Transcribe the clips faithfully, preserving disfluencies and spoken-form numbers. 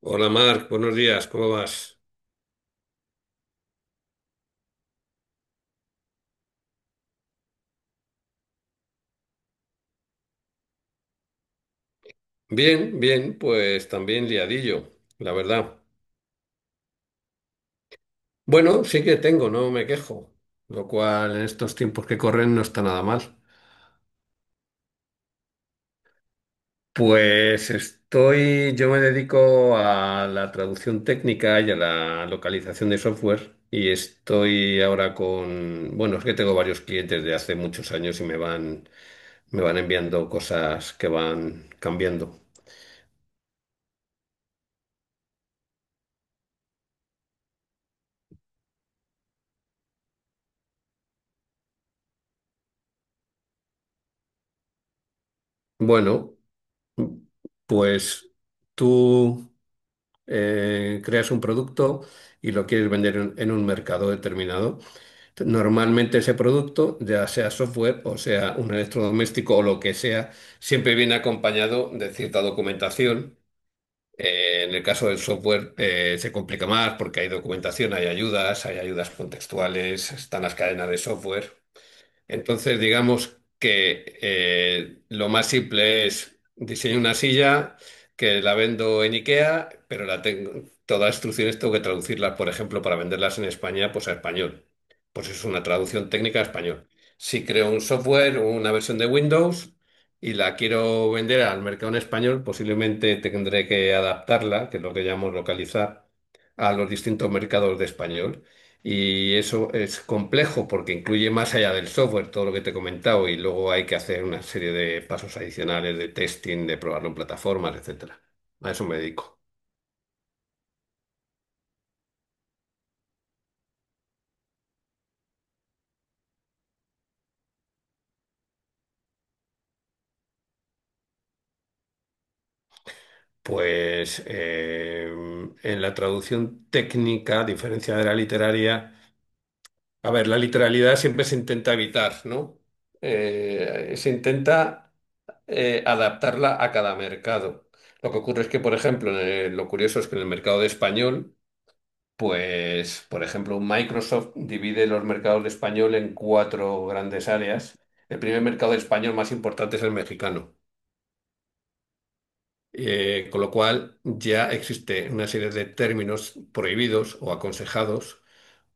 Hola Marc, buenos días, ¿cómo vas? Bien, bien, pues también liadillo, la verdad. Bueno, sí que tengo, no me quejo, lo cual en estos tiempos que corren no está nada mal. Pues estoy, yo me dedico a la traducción técnica y a la localización de software y estoy ahora con, bueno, es que tengo varios clientes de hace muchos años y me van, me van enviando cosas que van cambiando. Bueno, pues tú... eh, creas un producto y lo quieres vender en, en un mercado determinado. Normalmente ese producto, ya sea software o sea un electrodoméstico o lo que sea, siempre viene acompañado de cierta documentación. Eh, en el caso del software eh, se complica más porque hay documentación, hay ayudas, hay ayudas contextuales, están las cadenas de software. Entonces, digamos que eh, lo más simple es diseño una silla que la vendo en IKEA, pero la tengo, todas las instrucciones tengo que traducirlas, por ejemplo, para venderlas en España, pues a español. Pues es una traducción técnica a español. Si creo un software o una versión de Windows y la quiero vender al mercado en español, posiblemente tendré que adaptarla, que es lo que llamamos localizar, a los distintos mercados de español. Y eso es complejo porque incluye más allá del software todo lo que te he comentado y luego hay que hacer una serie de pasos adicionales de testing, de probarlo en plataformas, etcétera. A eso me dedico. Pues eh, en la traducción técnica, a diferencia de la literaria, a ver, la literalidad siempre se intenta evitar, ¿no? Eh, se intenta eh, adaptarla a cada mercado. Lo que ocurre es que, por ejemplo, en el- lo curioso es que en el mercado de español, pues, por ejemplo, Microsoft divide los mercados de español en cuatro grandes áreas. El primer mercado de español más importante es el mexicano, eh, con lo cual ya existe una serie de términos prohibidos o aconsejados.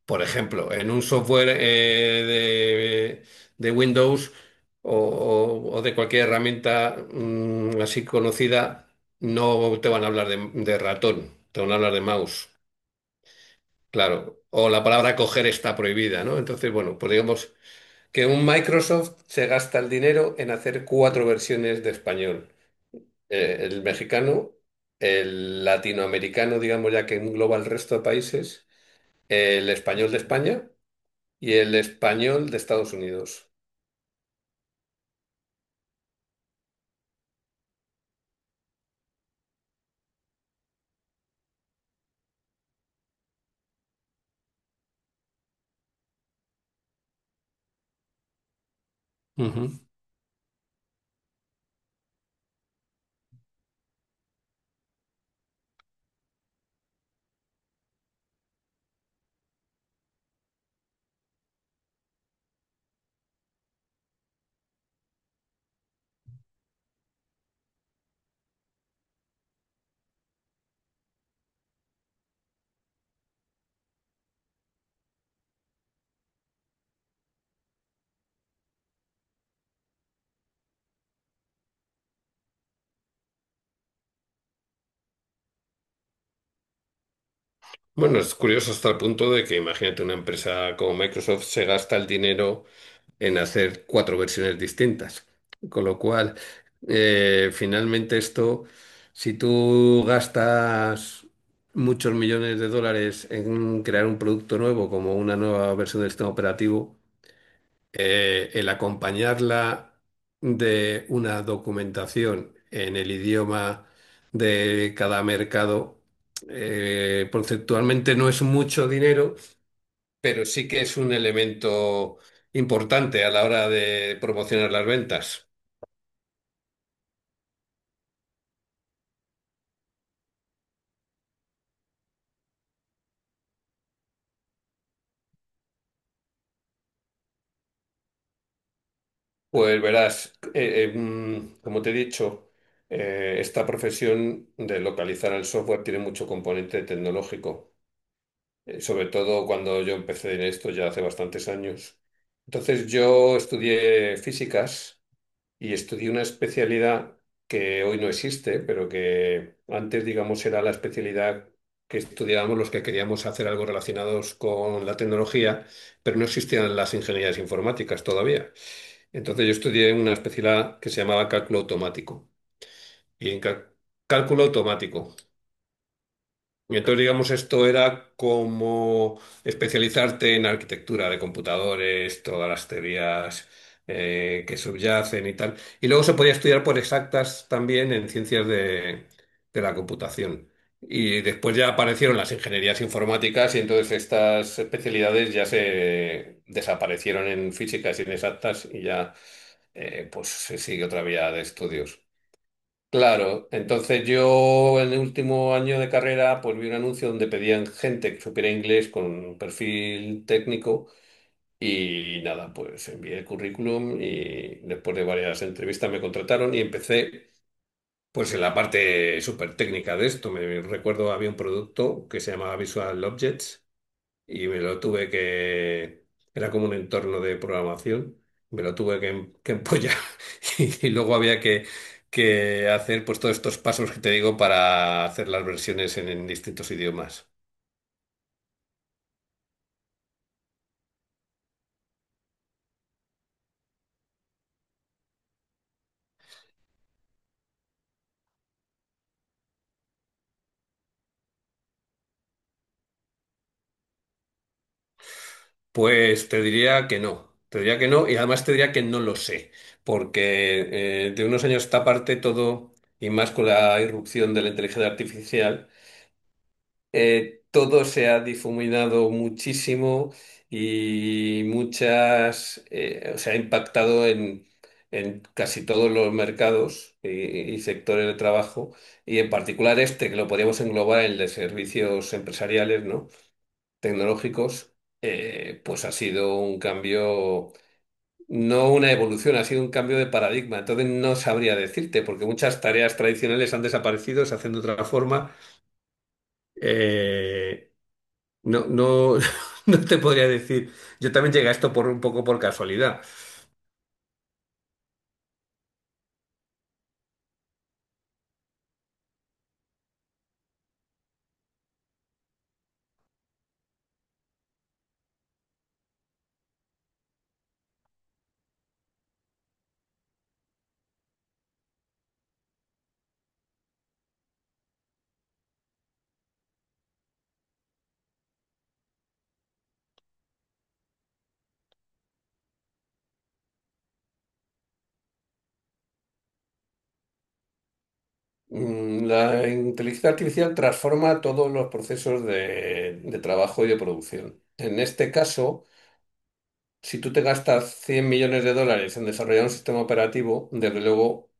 Por ejemplo, en un software eh, de, de Windows o, o- o de cualquier herramienta mm, así conocida, no te van a hablar de de ratón, te van a hablar de mouse. Claro, o la palabra coger está prohibida, ¿no? Entonces, bueno, pues digamos que un Microsoft se gasta el dinero en hacer cuatro versiones de español. Eh, el mexicano, el latinoamericano, digamos ya que engloba el resto de países, el español de España y el español de Estados Unidos. Ujú. Bueno, es curioso hasta el punto de que imagínate una empresa como Microsoft se gasta el dinero en hacer cuatro versiones distintas. Con lo cual, eh, finalmente esto, si tú gastas muchos millones de dólares en crear un producto nuevo, como una nueva versión del sistema operativo, eh, el acompañarla de una documentación en el idioma de cada mercado, eh, conceptualmente no es mucho dinero, pero sí que es un elemento importante a la hora de promocionar las ventas. Pues verás, eh, eh, mm, como te he dicho, eh, esta profesión de localizar el software tiene mucho componente tecnológico, eh, sobre todo cuando yo empecé en esto ya hace bastantes años. Entonces yo estudié físicas y estudié una especialidad que hoy no existe, pero que antes, digamos, era la especialidad que estudiábamos los que queríamos hacer algo relacionados con la tecnología, pero no existían las ingenierías informáticas todavía. Entonces yo estudié una especialidad que se llamaba cálculo automático. Y en cal- Cálculo automático, y entonces, digamos, esto era como especializarte en arquitectura de computadores, todas las teorías eh, que subyacen y tal. Y luego se podía estudiar por exactas también en ciencias de, de la computación. Y después ya aparecieron las ingenierías informáticas y entonces estas especialidades ya se desaparecieron en físicas inexactas y ya eh, pues se sigue otra vía de estudios. Claro, entonces yo en el último año de carrera pues vi un anuncio donde pedían gente que supiera inglés con un perfil técnico y nada, pues envié el currículum y después de varias entrevistas me contrataron y empecé pues en la parte súper técnica de esto. Me recuerdo había un producto que se llamaba Visual Objects y me lo tuve que, era como un entorno de programación, me lo tuve que, em- que empollar y luego había que, que hacer pues todos estos pasos que te digo para hacer las versiones en, en distintos idiomas. Pues te diría que no, te diría que no y además te diría que no lo sé, porque eh, de unos años a esta parte todo, y más con la irrupción de la inteligencia artificial, eh, todo se ha difuminado muchísimo y muchas, eh, o sea, ha impactado en, en casi todos los mercados y, y sectores de trabajo, y en particular este, que lo podríamos englobar en el de servicios empresariales, ¿no? Tecnológicos, eh, pues ha sido un cambio. No una evolución, ha sido un cambio de paradigma. Entonces no sabría decirte, porque muchas tareas tradicionales han desaparecido, se hacen de otra forma. Eh, no, no, no te podría decir. Yo también llegué a esto por un poco por casualidad. Mm, La inteligencia artificial transforma todos los procesos de, de trabajo y de producción. En este caso, si tú te gastas cien millones de dólares en desarrollar un sistema operativo, desde luego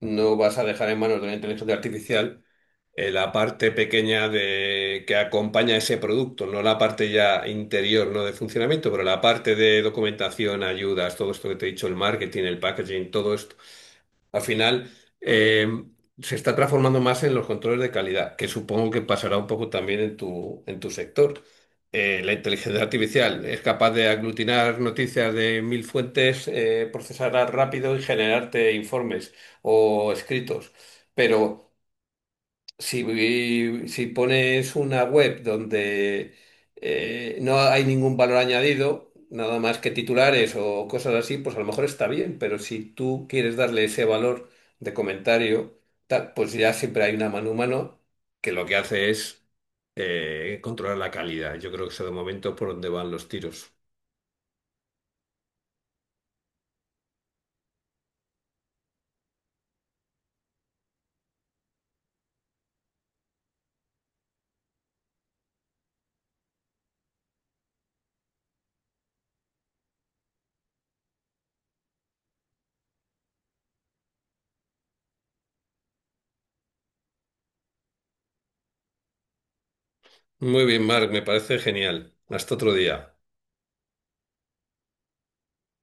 no vas a dejar en manos de la inteligencia artificial eh, la parte pequeña de que acompaña ese producto, no la parte ya interior, no de funcionamiento, pero la parte de documentación, ayudas, todo esto que te he dicho, el marketing, el packaging, todo esto. Al final eh, se está transformando más en los controles de calidad, que supongo que pasará un poco también en tu, en tu sector. Eh, la inteligencia artificial es capaz de aglutinar noticias de mil fuentes, eh, procesarlas rápido y generarte informes o escritos. Pero si, si pones una web donde eh, no hay ningún valor añadido, nada más que titulares o cosas así, pues a lo mejor está bien, pero si tú quieres darle ese valor de comentario, tal, pues ya siempre hay una mano humano que lo que hace es eh, controlar la calidad. Yo creo que eso de momento por donde van los tiros. Muy bien, Marc, me parece genial. Hasta otro día.